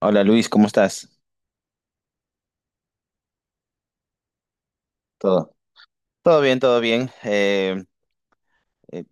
Hola Luis, ¿cómo estás? Todo. Todo bien, todo bien. Eh,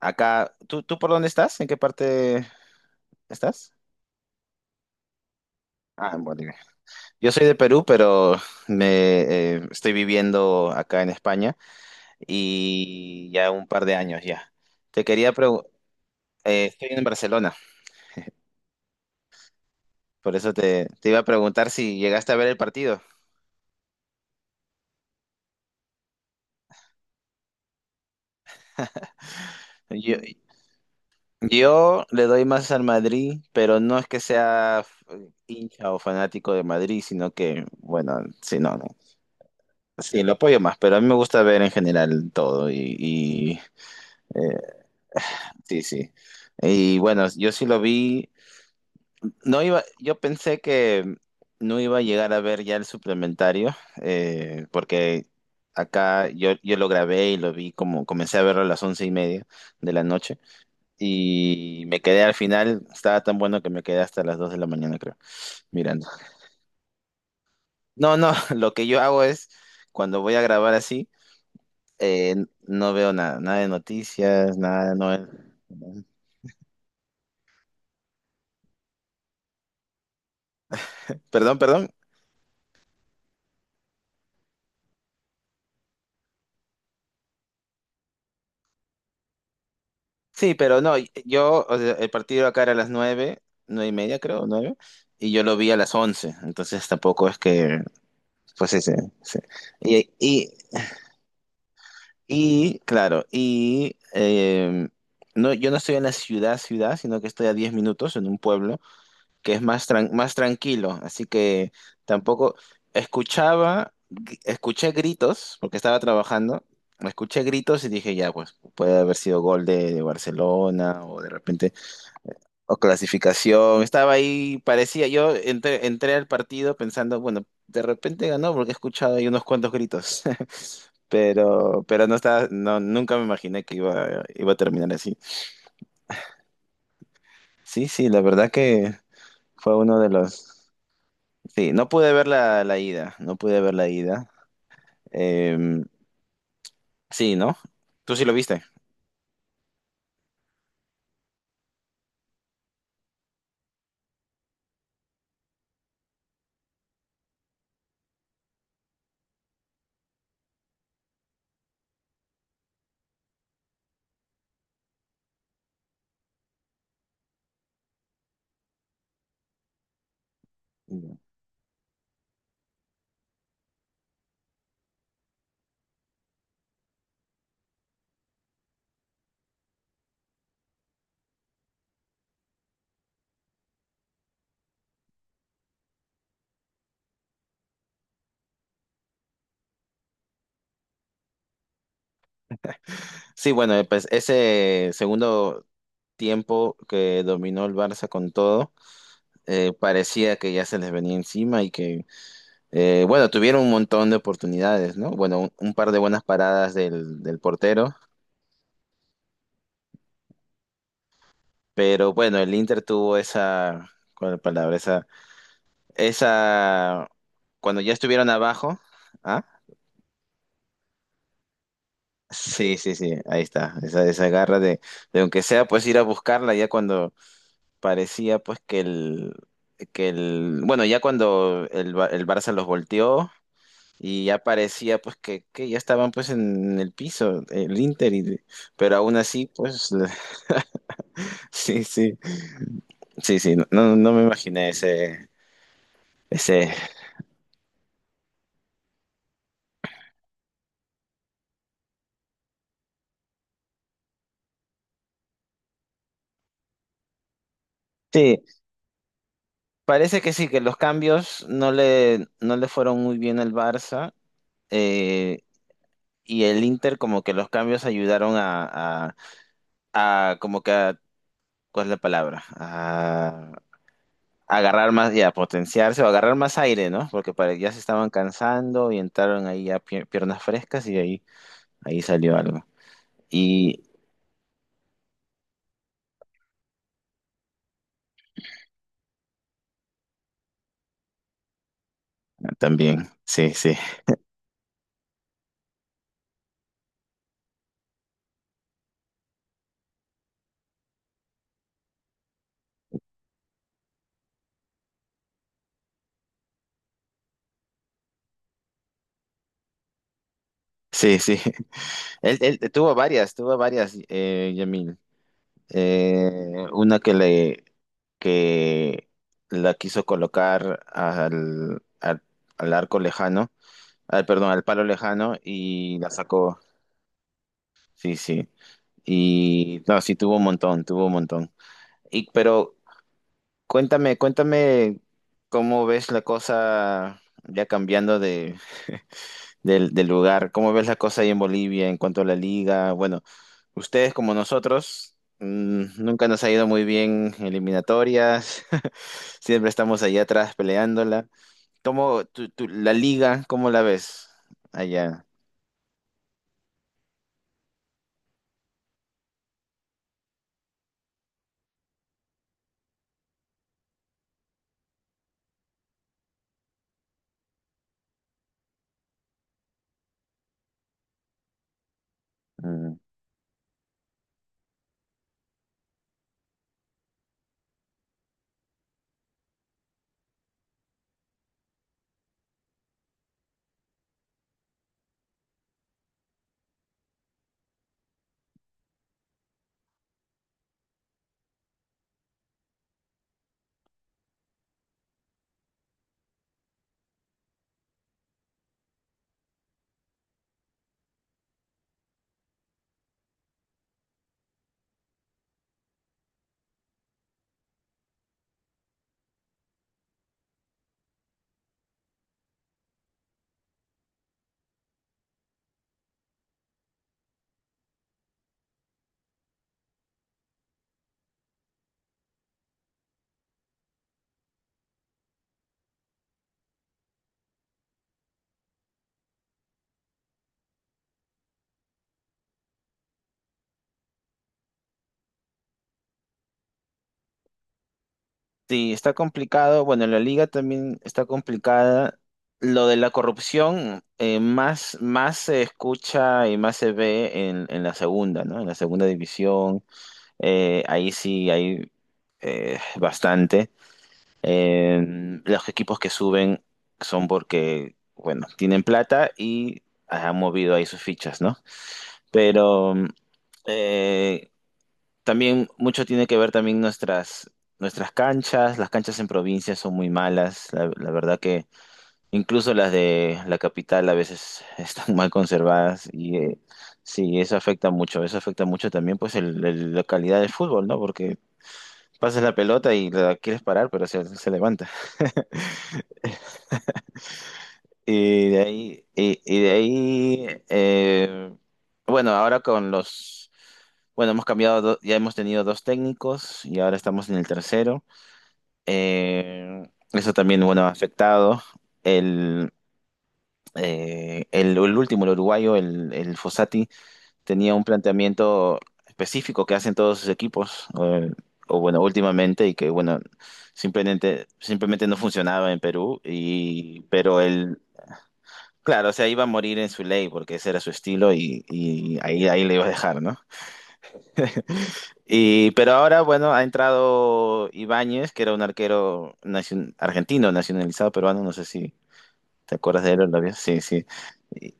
acá, ¿¿tú por dónde estás? ¿En qué parte estás? Ah, en Bolivia. Yo soy de Perú, pero me estoy viviendo acá en España y ya un par de años ya. Te quería preguntar, estoy en Barcelona, por eso te iba a preguntar si llegaste a ver el partido. Yo, yo le doy más al Madrid, pero no es que sea hincha o fanático de Madrid, sino que, bueno, sí, no. Sí, lo apoyo más, pero a mí me gusta ver en general todo y, eh, sí, sí. Y bueno, yo sí lo vi. No iba, yo pensé que no iba a llegar a ver ya el suplementario, porque acá yo lo grabé y lo vi comencé a verlo a las once y media de la noche y me quedé al final, estaba tan bueno que me quedé hasta las dos de la mañana, creo, mirando. No. Lo que yo hago es cuando voy a grabar así. Eh, no veo nada, nada de noticias, nada de perdón, perdón. Sí, pero no, yo, o sea, el partido acá era a las nueve, nueve y media creo, nueve, y yo lo vi a las once, entonces tampoco es que, pues sí. Y, y, y, claro, y no, yo no estoy en la ciudad, sino que estoy a diez minutos en un pueblo, que es más, más tranquilo, así que tampoco escuchaba, escuché gritos, porque estaba trabajando, escuché gritos y dije, ya, pues puede haber sido gol de Barcelona o de repente, o clasificación, estaba ahí, parecía, yo entré al partido pensando, bueno, de repente ganó porque he escuchado ahí unos cuantos gritos. Pero no estaba, no, nunca me imaginé que iba a terminar así. Sí, sí, la verdad que fue uno de los, sí, no pude ver la, la ida, no pude ver la ida. Em, sí, ¿no? ¿Tú sí lo viste? Sí, bueno, pues ese segundo tiempo que dominó el Barça con todo, parecía que ya se les venía encima y que, bueno, tuvieron un montón de oportunidades, ¿no? Bueno, un par de buenas paradas del, del portero, pero bueno, el Inter tuvo esa, ¿cuál es la palabra? Esa, cuando ya estuvieron abajo, ¿ah? Sí, sí, sí, ahí está, esa garra de aunque sea pues ir a buscarla ya cuando parecía pues que el, bueno, ya cuando el, el Barça los volteó y ya parecía pues que ya estaban pues en el piso, el Inter, y pero aún así pues sí, sí, sí, sí, no, no me imaginé ese, ese, sí, parece que sí, que los cambios no le, no le fueron muy bien al Barça. eh, y el Inter como que los cambios ayudaron a como que a, ¿cuál es la palabra? A agarrar más y a potenciarse o agarrar más aire, ¿no? Porque ya se estaban cansando y entraron ahí ya piernas frescas y ahí, ahí salió algo. Y también, sí, sí, sí, sí. Él tuvo varias, Yamil. Una que le que la quiso colocar al, al al arco lejano perdón, al palo lejano y la sacó. Sí, sí. Y no, sí, tuvo un montón, tuvo un montón. Y, pero cuéntame, cuéntame cómo ves la cosa ya cambiando de, del del lugar, cómo ves la cosa ahí en Bolivia en cuanto a la liga. Bueno, ustedes como nosotros, nunca nos ha ido muy bien eliminatorias, siempre estamos allá atrás peleándola. ¿Cómo la liga, cómo la ves allá? Mm. Sí, está complicado. Bueno, la liga también está complicada. Lo de la corrupción más, más se escucha y más se ve en la segunda, ¿no? En la segunda división. Ahí sí hay bastante. Eh, los equipos que suben son porque, bueno, tienen plata y han movido ahí sus fichas, ¿no? Pero eh, también mucho tiene que ver también nuestras, nuestras canchas. Las canchas en provincia son muy malas. La verdad que incluso las de la capital a veces están mal conservadas y sí, eso afecta mucho. Eso afecta mucho también pues la calidad del fútbol, ¿no? Porque pasas la pelota y la quieres parar, pero se levanta. Y de ahí, y de ahí bueno, ahora con los... Bueno, hemos cambiado, ya hemos tenido dos técnicos y ahora estamos en el tercero. Eh, eso también, bueno, ha afectado. El, el último, el uruguayo, el Fossati, tenía un planteamiento específico que hacen todos sus equipos, o bueno, últimamente, y que bueno, simplemente, simplemente no funcionaba en Perú, y, pero él, claro, o sea, iba a morir en su ley, porque ese era su estilo, y ahí, ahí le iba a dejar, ¿no? Y, pero ahora, bueno, ha entrado Ibáñez, que era un arquero argentino, nacionalizado peruano, no sé si ¿te acuerdas de él, Olavio? Sí, sí. Y,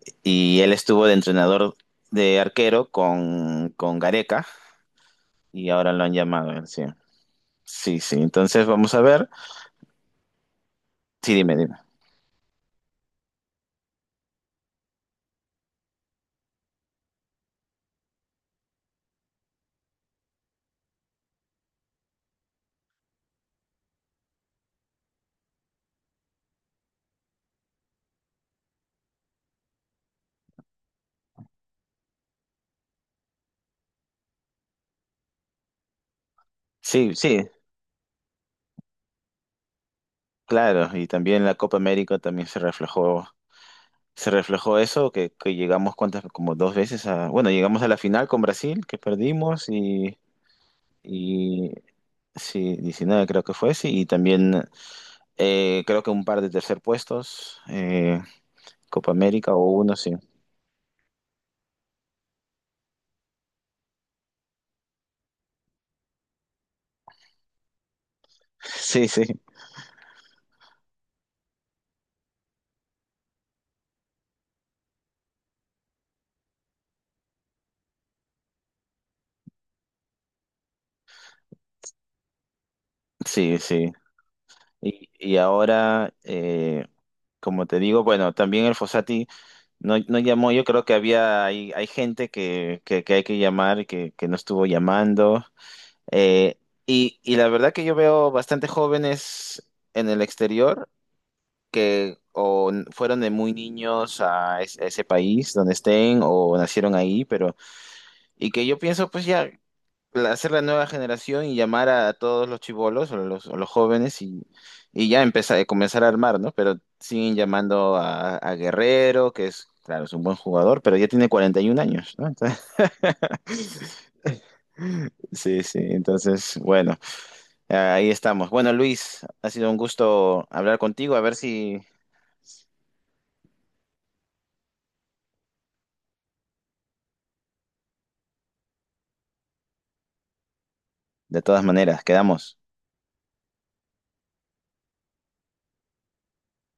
y él estuvo de entrenador de arquero con Gareca y ahora lo han llamado, él, sí. Sí, sí. Entonces vamos a ver. Sí, dime, dime. Sí, sí, claro. Y también la Copa América también se reflejó eso, que llegamos cuántas, como dos veces a, bueno, llegamos a la final con Brasil, que perdimos, y sí, 19 creo que fue, sí, y también creo que un par de tercer puestos, Copa América o uno, sí. Sí, sí, sí, sí. Y ahora, como te digo, bueno, también el Fossati no, no llamó, yo creo que había, hay gente que hay que llamar, que no estuvo llamando. Eh, y la verdad que yo veo bastante jóvenes en el exterior que o fueron de muy niños a, a ese país donde estén o nacieron ahí, pero, y que yo pienso, pues ya. Hacer la nueva generación y llamar a todos los chibolos o los jóvenes y ya empezar, comenzar a armar, ¿no? Pero siguen llamando a Guerrero, que es, claro, es un buen jugador, pero ya tiene 41 años, ¿no? Entonces, sí, sí, entonces, bueno, ahí estamos. Bueno, Luis, ha sido un gusto hablar contigo, a ver si, de todas maneras, quedamos.